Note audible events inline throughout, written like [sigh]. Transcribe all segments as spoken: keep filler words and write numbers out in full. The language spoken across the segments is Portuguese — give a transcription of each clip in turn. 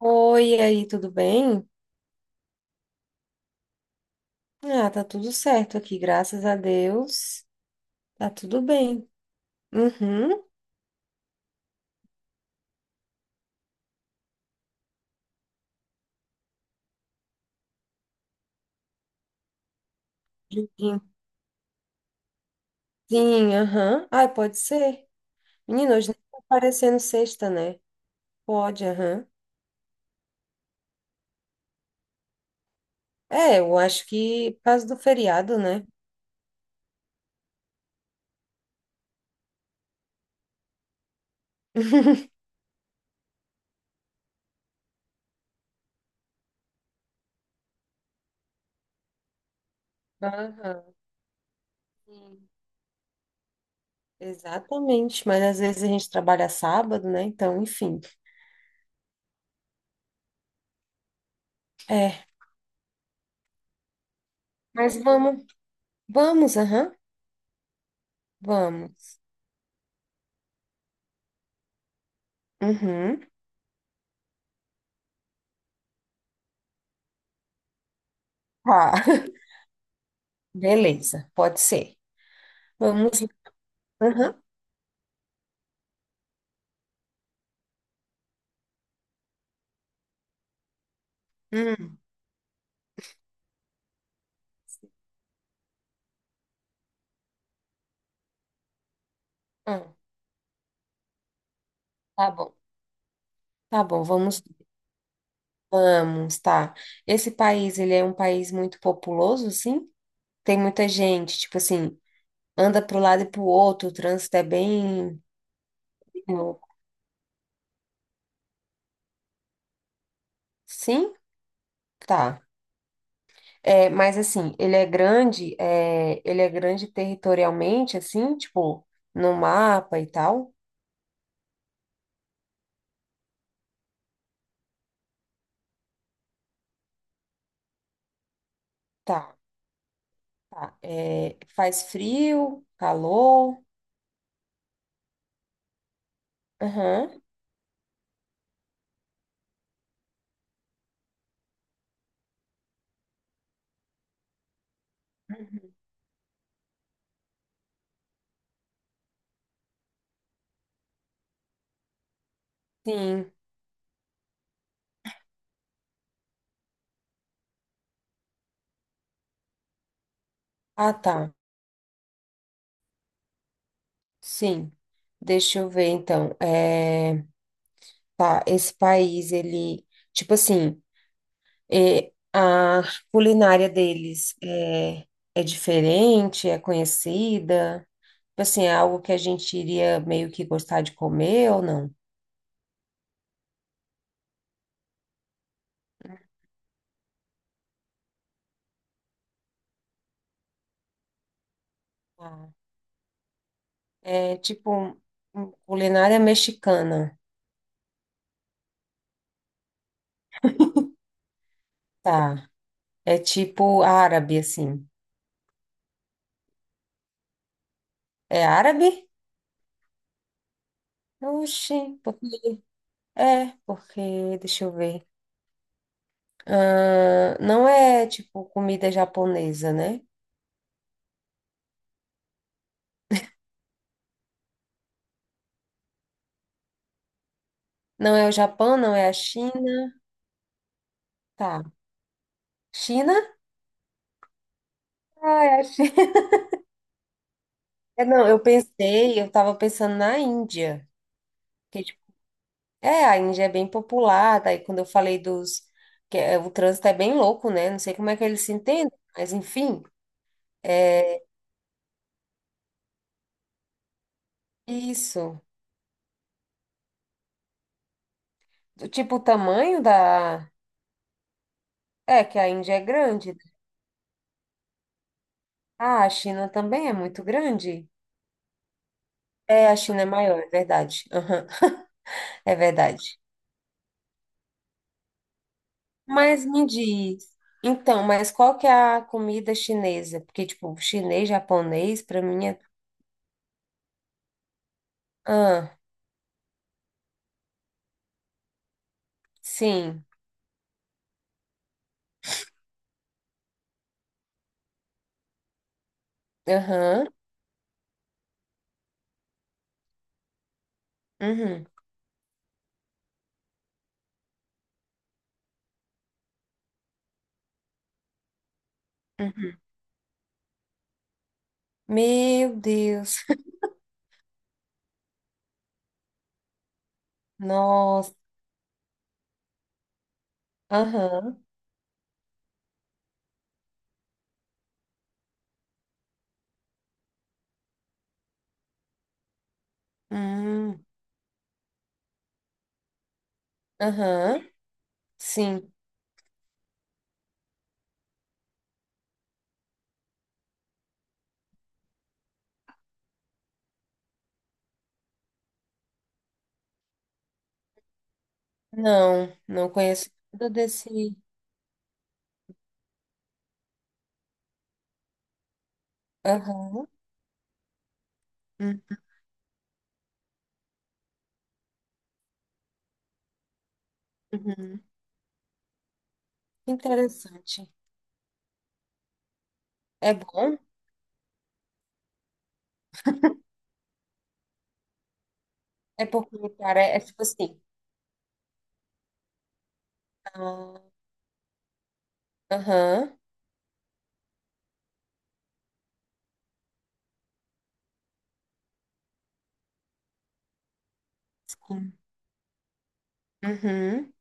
Oi, e aí, tudo bem? Ah, tá tudo certo aqui, graças a Deus. Tá tudo bem. Uhum. Sim, sim, aham. Ai, pode ser. Menina, hoje nem tá aparecendo sexta, né? Pode, aham. É, eu acho que por causa do feriado, né? Aham. Sim. Exatamente, mas às vezes a gente trabalha sábado, né? Então, enfim. É, mas vamos, vamos, aham, vamos. Uhum. Tá, [laughs] beleza, pode ser. Vamos, aham. Hum, ah, tá bom, tá bom, vamos, vamos, tá. Esse país, ele é um país muito populoso, sim? Tem muita gente, tipo assim, anda pro lado e pro outro, o trânsito é bem louco. Sim? Tá. É, mas assim, ele é grande, é, ele é grande territorialmente, assim, tipo, no mapa e tal? Tá, tá. É, faz frio, calor? Aham, sim. Ah, tá, sim. Deixa eu ver, então. É... Tá, esse país, ele, tipo assim, é, a culinária deles é, é diferente, é conhecida, tipo assim, é algo que a gente iria meio que gostar de comer ou não? Tá. É tipo hum, culinária mexicana, tá, é tipo árabe, assim, é árabe? Oxi, porque, é, porque, deixa eu ver, ah, não é tipo comida japonesa, né? Não é o Japão, não é a China. Tá. China? Ah, é a China. [laughs] É, não, eu pensei, eu tava pensando na Índia. Que, tipo, é, a Índia é bem popular, daí quando eu falei dos... que é, o trânsito é bem louco, né? Não sei como é que eles se entendem, mas enfim, é isso. Do tipo, o tamanho da... É, que a Índia é grande, né? Ah, a China também é muito grande. É, a China é maior, é verdade. Aham, é verdade. Mas me diz, então, mas qual que é a comida chinesa? Porque, tipo, chinês, japonês, pra mim é. Ah, sim, aham, uhum, uhum. Meu Deus, [laughs] nossa, aham, hum, aham, sim. Não, não conheço nada desse. Aham, hum, uhum. Interessante. É bom? É porque, cara, é tipo assim. Ah, aham, sim, uhum.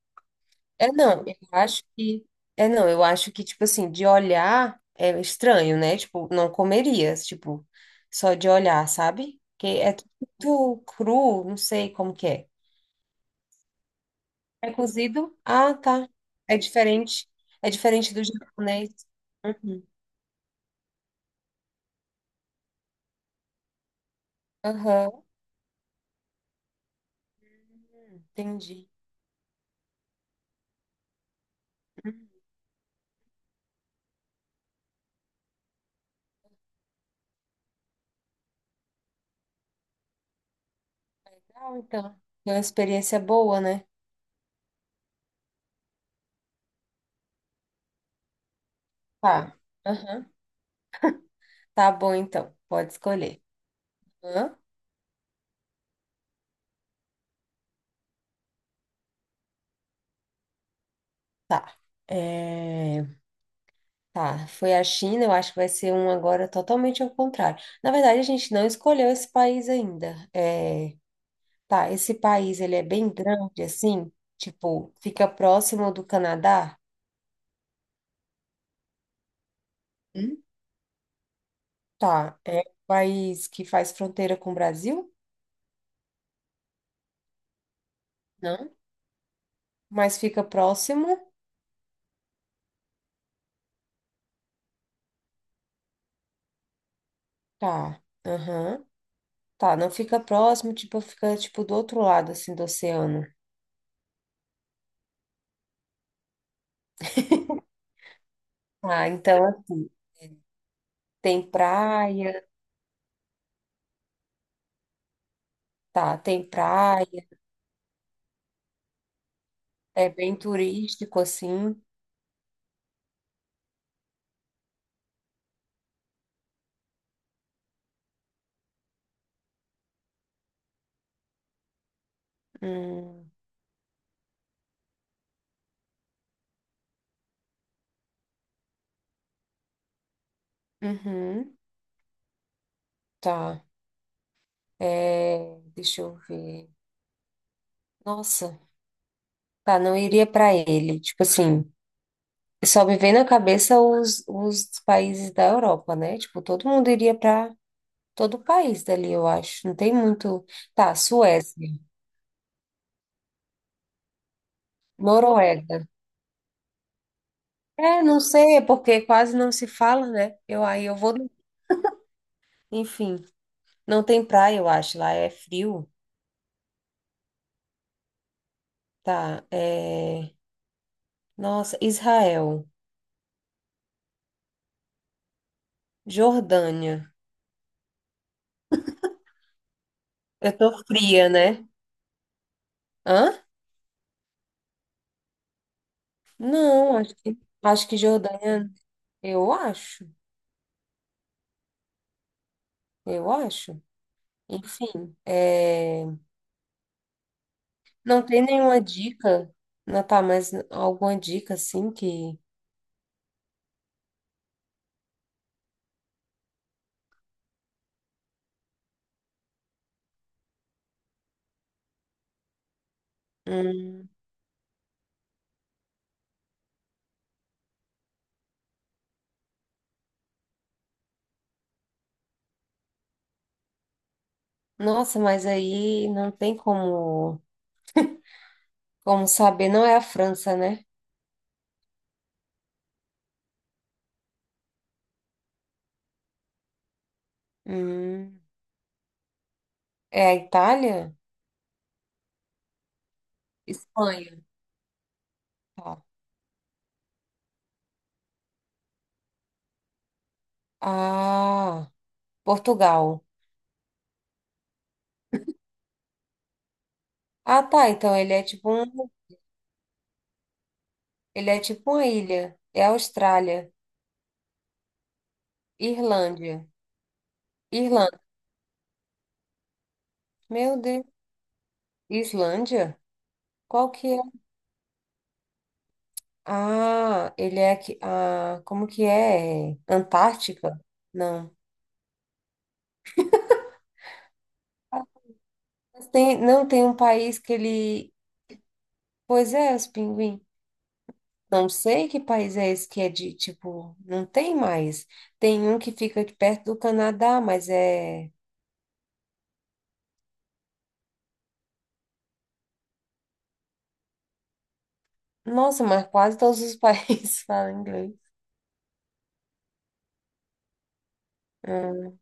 É, não, eu acho que. É, não, eu acho que, tipo assim, de olhar é estranho, né? Tipo, não comeria, tipo, só de olhar, sabe? Porque é tudo cru, não sei como que é. É cozido? Ah, tá. É diferente. É diferente do japonês. Uhum. Aham. Hum, entendi. Hum, Legal, então. Foi uma experiência boa, né? Tá. Aham. Tá bom, então. Pode escolher. Aham. Tá. É... Tá, foi a China, eu acho que vai ser um agora totalmente ao contrário. Na verdade, a gente não escolheu esse país ainda. É, tá, esse país, ele é bem grande, assim, tipo, fica próximo do Canadá? Hum? Tá, é um país que faz fronteira com o Brasil? Não. Mas fica próximo? Tá, aham. Tá, não fica próximo, tipo, fica, tipo, do outro lado, assim, do oceano. Ah, então, assim, tem praia, tá, tem praia, é bem turístico, assim. Hum, uhum, tá. É, deixa eu ver. Nossa, tá, não iria pra ele. Tipo assim, só me vem na cabeça os, os países da Europa, né? Tipo, todo mundo iria pra todo país dali, eu acho. Não tem muito. Tá, Suécia, Noruega. É, não sei, é porque quase não se fala, né? Eu aí eu vou. Enfim, não tem praia, eu acho. Lá é frio. Tá, é. Nossa, Israel, Jordânia. Eu tô fria, né? Hã? Não, acho que, acho que Jordânia. Eu acho, eu acho. Enfim, é, não tem nenhuma dica, não tá, mas alguma dica assim que. hum, Nossa, mas aí não tem como, como saber. Não é a França, né? Hum, é a Itália? Espanha. Tá. Ah, Portugal. Ah, tá. Então ele é tipo um, ele é tipo uma ilha. É a Austrália. Irlândia. Irlanda. Meu Deus. Islândia? Qual que é? Ah, ele é aqui. Ah, como que é? Antártica? Não. Mas tem, não tem um país que ele. Pois é, os pinguins. Não sei que país é esse que é de, tipo, não tem mais. Tem um que fica aqui perto do Canadá, mas é. Nossa, mas quase todos os [laughs] países falam inglês. Hum.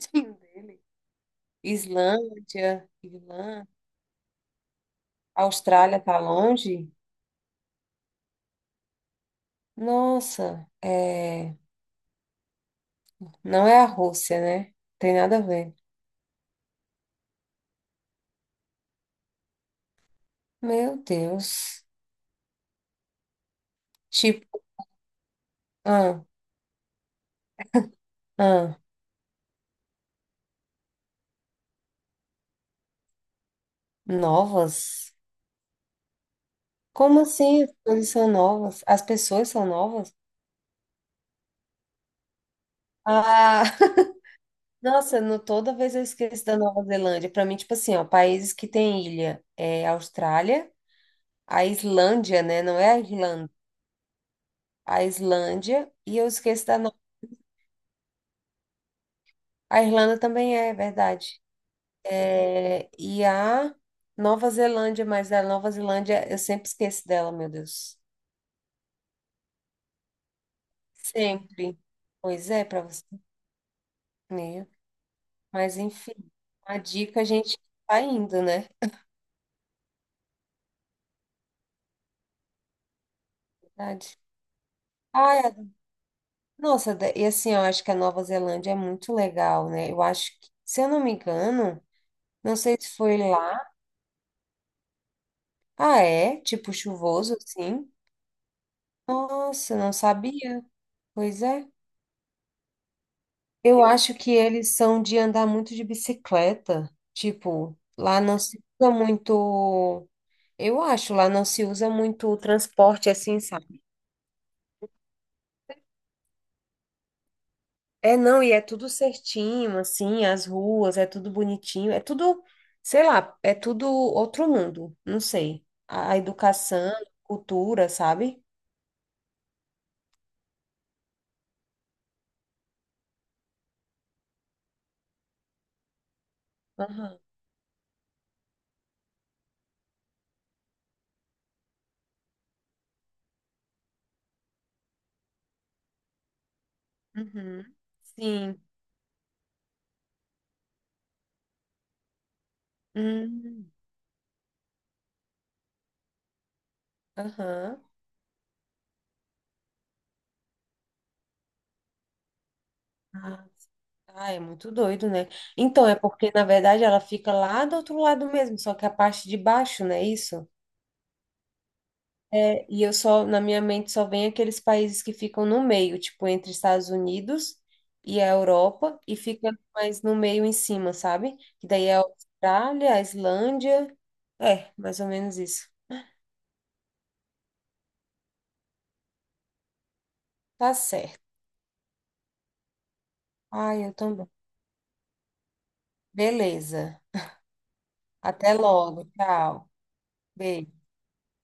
Tadinho dele. Islândia, Irlanda, Austrália tá longe? Nossa, é. Não é a Rússia, né? Tem nada a ver. Meu Deus. Tipo, ah, ah, novas? Como assim? As coisas são novas? As pessoas são novas? Ah, [laughs] nossa, no, toda vez eu esqueço da Nova Zelândia. Pra mim, tipo assim, ó, países que tem ilha é Austrália, a Islândia, né? Não é a Irlanda. A Islândia, e eu esqueço da Nova. A Irlanda também é, é verdade. É, e a Nova Zelândia, mas a Nova Zelândia eu sempre esqueço dela, meu Deus. Sempre. Pois é, para você ver. Mas enfim, a dica a gente tá indo, né? Verdade. Ai, a- nossa, da- e assim, eu acho que a Nova Zelândia é muito legal, né? Eu acho que, se eu não me engano, não sei se foi lá. Ah, é? Tipo chuvoso, assim. Nossa, não sabia. Pois é. Eu acho que eles são de andar muito de bicicleta. Tipo, lá não se usa muito. Eu acho, lá não se usa muito o transporte assim, sabe? É, não, e é tudo certinho, assim, as ruas, é tudo bonitinho, é tudo, sei lá, é tudo outro mundo, não sei. A a educação, cultura, sabe? Aham. Uhum. Sim. Hum. Aham. Ah, é muito doido, né? Então, é porque, na verdade, ela fica lá do outro lado mesmo, só que a parte de baixo, não é isso? É, e eu só, na minha mente, só vem aqueles países que ficam no meio, tipo, entre Estados Unidos e a Europa, e fica mais no meio em cima, sabe? Que daí é a Austrália, a Islândia. É, mais ou menos isso. Tá certo. Ah, eu também. Beleza. Até logo. Tchau. Beijo.